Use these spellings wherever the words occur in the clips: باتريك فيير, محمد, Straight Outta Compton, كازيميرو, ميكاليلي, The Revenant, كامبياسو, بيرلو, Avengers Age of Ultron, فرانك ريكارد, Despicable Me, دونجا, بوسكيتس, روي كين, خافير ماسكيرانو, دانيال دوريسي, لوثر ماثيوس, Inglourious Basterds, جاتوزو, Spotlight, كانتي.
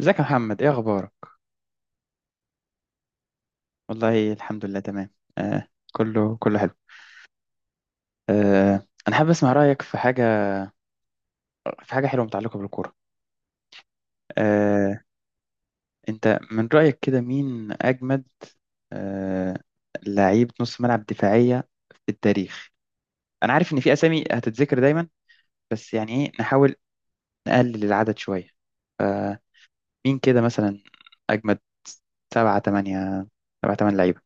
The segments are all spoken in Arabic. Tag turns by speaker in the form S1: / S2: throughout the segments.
S1: ازيك يا محمد، ايه اخبارك؟ والله الحمد لله تمام. آه، كله كله حلو. آه، انا حابب اسمع رايك في حاجه حلوه متعلقه بالكوره. آه انت من رايك كده مين اجمد؟ آه لعيب نص ملعب دفاعيه في التاريخ. انا عارف ان في اسامي هتتذكر دايما، بس يعني ايه، نحاول نقلل العدد شويه. فمين كده مثلا اجمد؟ سبعة تمانية سبعة تمن لعيبه.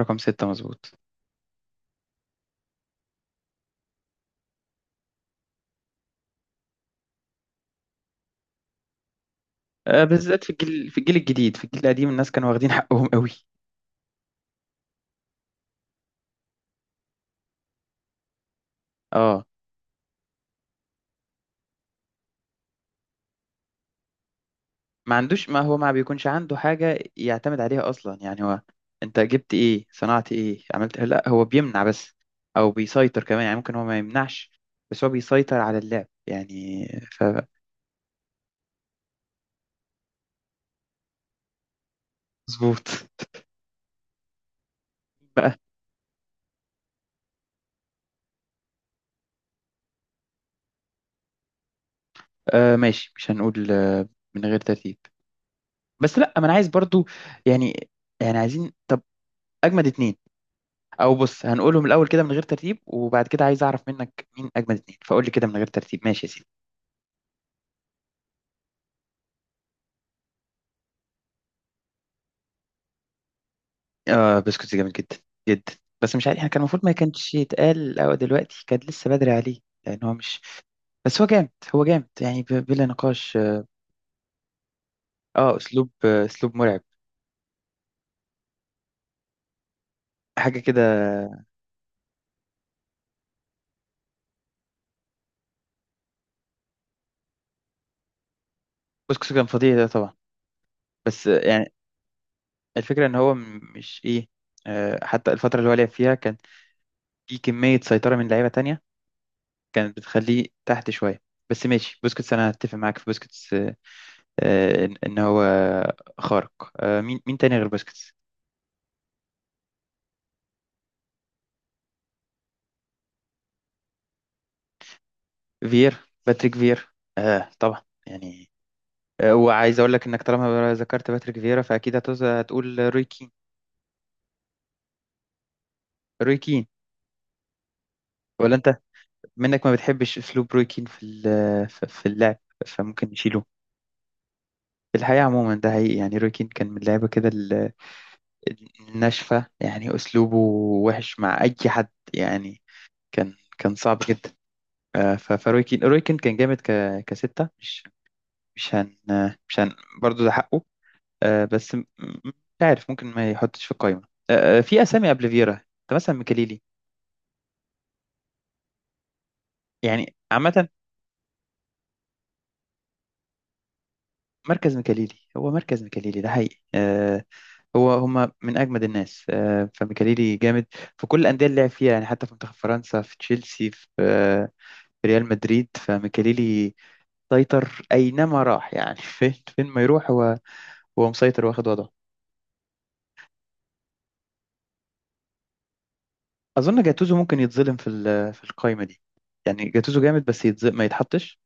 S1: رقم ستة مظبوط. آه، بالذات في الجيل، الجديد، في الجيل القديم الناس كانوا واخدين حقهم قوي. اه، ما هو ما بيكونش عنده حاجة يعتمد عليها أصلا، يعني هو أنت جبت إيه؟ صنعت إيه؟ عملت إيه؟ لا، هو بيمنع بس، أو بيسيطر كمان. يعني ممكن هو ما يمنعش، بس هو بيسيطر على اللعب يعني. ف مظبوط بقى. آه ماشي، مش هنقول. آه، من غير ترتيب. بس لا، ما أنا عايز برضو، يعني، يعني عايزين، طب أجمد اتنين. او بص، هنقولهم الاول كده من غير ترتيب، وبعد كده عايز اعرف منك مين اجمد اتنين، فقول لي كده من غير ترتيب، ماشي يا سيدي. آه، بسكوت جامد جدا جدا. بس مش عارف، احنا كان المفروض ما كانش يتقال، او دلوقتي كان لسه بدري عليه. لان هو مش، بس هو جامد، هو جامد يعني بلا نقاش. اه، آه، اسلوب، آه، اسلوب مرعب، حاجه كده. بسكوت كان فظيع ده طبعا، بس آه، يعني الفكره ان هو مش ايه. آه، حتى الفتره اللي هو لعب فيها كان في كميه سيطره من لعيبه تانية كانت بتخليه تحت شويه. بس ماشي، بوسكيتس انا هتفق معاك في بوسكيتس، آه، إن هو خارق. آه، مين تاني غير باسكتس؟ فير باتريك فير، آه طبعا. يعني آه، وعايز اقول لك انك طالما ذكرت باتريك فيرا فاكيد هتقول روي كين. روي كين، ولا انت، منك ما بتحبش اسلوب روي كين في اللعب؟ فممكن نشيله. في الحقيقة عموما، ده حقيقي، يعني روي كين كان من اللعيبة كده الناشفة، يعني أسلوبه وحش مع أي حد يعني، كان كان صعب جدا. آه، فروي كين كان جامد كستة. مش هن مش هن برضه ده حقه. آه بس مش عارف، ممكن ما يحطش في القائمة. آه، آه، في أسامي قبل فيرا أنت مثلا، ميكاليلي. يعني عامة، مركز ميكاليلي هو مركز ميكاليلي ده حقيقي. آه، هو هما من أجمد الناس. آه، فميكاليلي جامد في كل الأندية اللي لعب فيها يعني، حتى في منتخب فرنسا، في تشيلسي، في ريال مدريد. فميكاليلي سيطر أينما راح يعني. فين ما يروح هو، هو مسيطر واخد وضعه. اظن جاتوزو ممكن يتظلم في القايمه دي. يعني جاتوزو جامد بس يتظلم، ما يتحطش.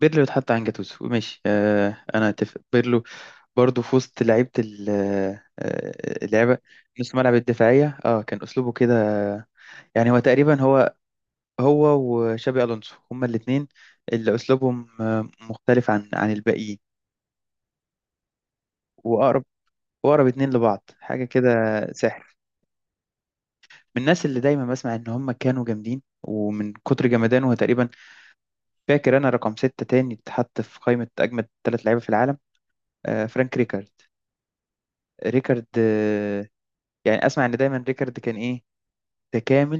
S1: بيرلو يتحط عن جاتوزو، ماشي، آه، انا اتفق. بيرلو برضه في وسط لعيبه آه، اللعبه، نص ملعب الدفاعيه، اه، كان اسلوبه كده. يعني هو تقريبا هو هو وشابي الونسو هما الاثنين اللي اسلوبهم آه، مختلف عن الباقيين. واقرب واقرب اتنين لبعض، حاجه كده. سحر. من الناس اللي دايما بسمع ان هم كانوا جامدين، ومن كتر جمدانه هو تقريبا فاكر انا رقم ستة تاني اتحط في قائمة اجمد ثلاث لعيبة في العالم، آه، فرانك ريكارد. ريكارد، آه. يعني اسمع ان دايما ريكارد كان ايه؟ تكامل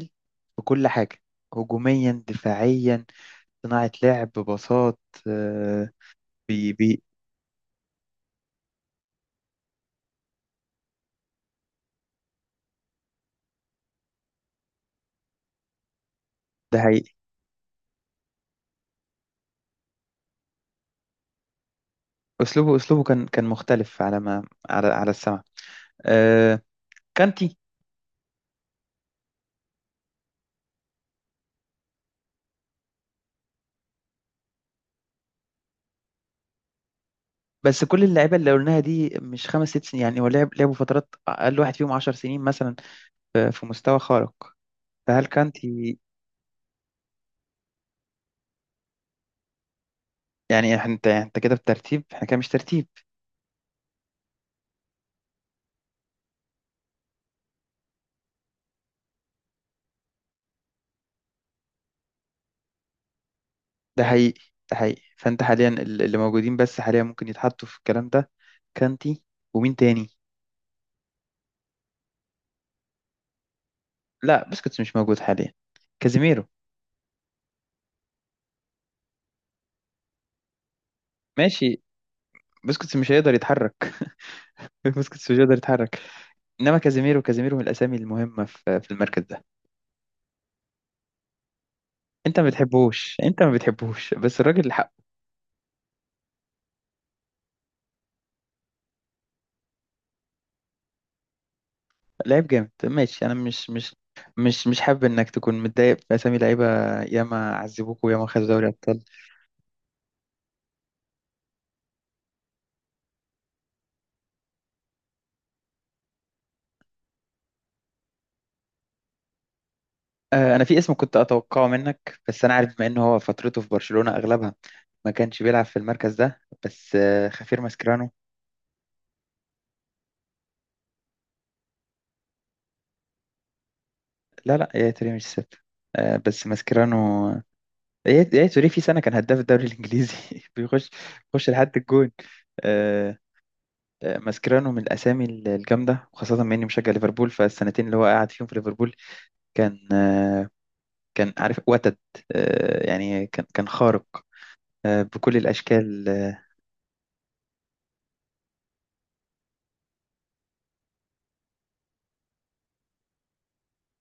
S1: في كل حاجة، هجوميا دفاعيا، صناعة لعب، باصات، آه، بي بي ده حقيقي. اسلوبه، اسلوبه كان كان مختلف، على ما على السمع. آه، كانتي. بس كل اللعيبه اللي قلناها دي مش خمس ست سنين يعني، هو لعب، لعبوا فترات، اقل واحد فيهم 10 سنين مثلا، في مستوى خارق. فهل كانتي؟ يعني انت انت كده بالترتيب، احنا كده مش ترتيب. ده حقيقي، ده حقيقي، فانت حاليا اللي موجودين بس حاليا ممكن يتحطوا في الكلام ده، كانتي، ومين تاني؟ لا، بسكوتس مش موجود حاليا. كازيميرو. ماشي. بسكوتس مش هيقدر يتحرك. بسكوتس مش هيقدر يتحرك. انما كازيميرو، كازيميرو من الاسامي المهمه في المركز ده. انت ما بتحبوش، انت ما بتحبوش، بس الراجل حق. لعيب جامد، ماشي. انا مش حابب انك تكون متضايق باسامي لعيبه ياما عذبوك وياما خدوا دوري ابطال. آه، انا في اسم كنت اتوقعه منك، بس انا عارف بما انه هو فترته في برشلونة اغلبها ما كانش بيلعب في المركز ده، بس آه، خافير ماسكيرانو. لا، لا يا توري مش سبت. آه، بس ماسكيرانو، يا توري في سنة كان هداف الدوري الانجليزي. بيخش بيخش لحد الجون. آه، آه، ماسكيرانو من الاسامي الجامدة، وخاصة بما اني مشجع ليفربول، فالسنتين اللي هو قعد فيهم في ليفربول كان، آه، كان عارف وتد. آه، يعني كان كان خارق، آه، بكل الاشكال، آه.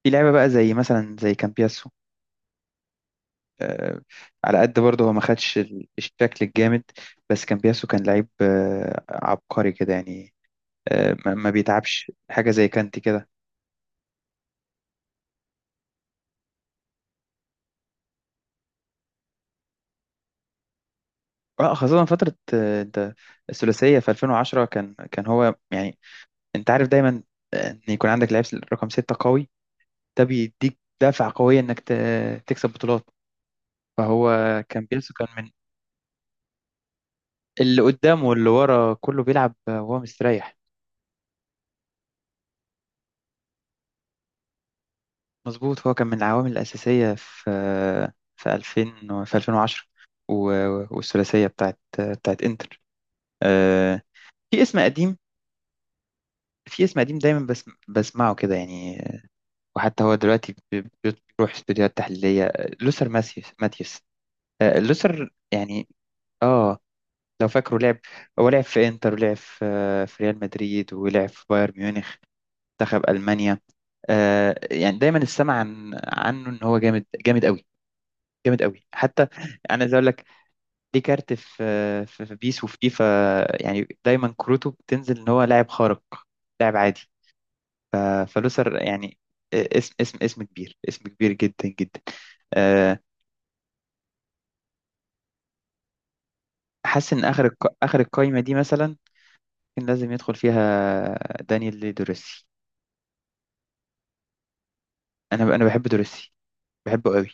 S1: في لعيبة بقى زي مثلا زي كامبياس، آه، على قد برضه هو ما خدش الشكل الجامد، بس كامبياسو كان لعيب، آه، عبقري كده يعني. آه، ما بيتعبش حاجة، زي كانتي كده. اه، خاصة فترة آه، انت الثلاثية في 2010 كان كان هو يعني. انت عارف دايما، آه، ان يكون عندك لعيب رقم ستة قوي، ده بيديك دافع قوية انك تكسب بطولات. فهو كامبياسو كان من اللي قدام واللي ورا كله بيلعب، آه، وهو مستريح. مظبوط، هو كان من العوامل الأساسية في 2000 و- في 2010 والثلاثية بتاعت بتاعت إنتر. آه، في اسم قديم، في اسم قديم دايما بس بسمعه كده يعني، وحتى هو دلوقتي بيروح استوديوهات تحليلية، آه، لوثر ماثيوس. ماثيوس. آه، لوثر يعني. اه، لو فاكره، لعب، هو لعب في إنتر، ولعب في آه، في ريال مدريد، ولعب في بايرن ميونخ، منتخب ألمانيا، آه. يعني دايما السمع عنه إن هو جامد جامد جامد قوي حتى. انا عايز اقول لك، دي كارت في في بيس وفي فيفا يعني، دايما كروته بتنزل ان هو لاعب خارق، لاعب عادي. ف- فلوسر يعني، اسم كبير، اسم كبير جدا جدا، آه. حاسس ان اخر اخر القايمه دي مثلا كان لازم يدخل فيها دانيال دوريسي. انا بحب دوريسي، بحبه قوي.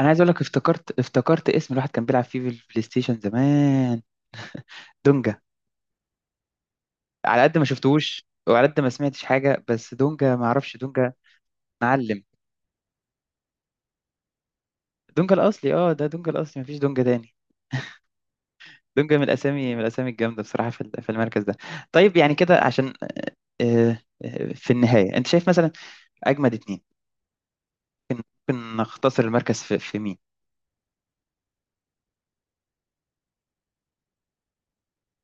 S1: انا عايز اقول لك، افتكرت اسم الواحد كان بيلعب فيه في البلاي ستيشن زمان، دونجا. على قد ما شفتهوش وعلى قد ما سمعتش حاجه، بس دونجا، ما اعرفش دونجا. معلم. دونجا الاصلي، اه، ده دونجا الاصلي مفيش دونجا تاني. دونجا من الاسامي، من الاسامي الجامده بصراحه في المركز ده. طيب، يعني كده عشان آه، آه، في النهايه انت شايف مثلا اجمد اتنين، ممكن نختصر المركز في مين؟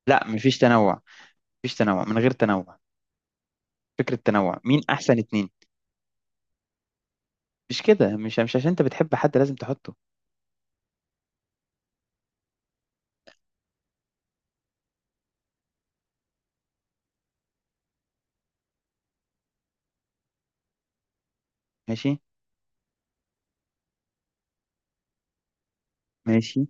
S1: لا، مفيش تنوع، مفيش تنوع، من غير تنوع. فكره تنوع مين احسن اتنين؟ مش كده، مش عشان انت بتحب حد لازم تحطه. ماشي ماشي.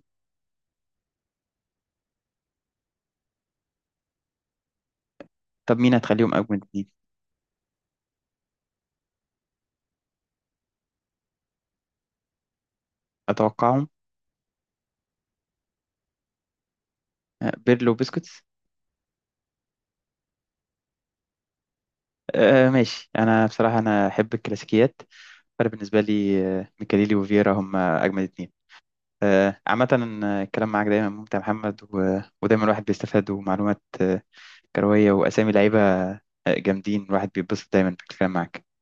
S1: طب مين هتخليهم اجمد اتنين؟ اتوقعهم. آه، بيرلو وبسكوتس. آه ماشي، انا بصراحه انا احب الكلاسيكيات، فانا بالنسبه لي، آه، ميكاليلي وفييرا هم اجمل اتنين، آه، عامه. آه، الكلام معاك دايما ممتع يا محمد، ودايما الواحد بيستفاد، ومعلومات آه، كرويه، واسامي لعيبه، آه، جامدين. الواحد بيتبسط دايما بالكلام معاك.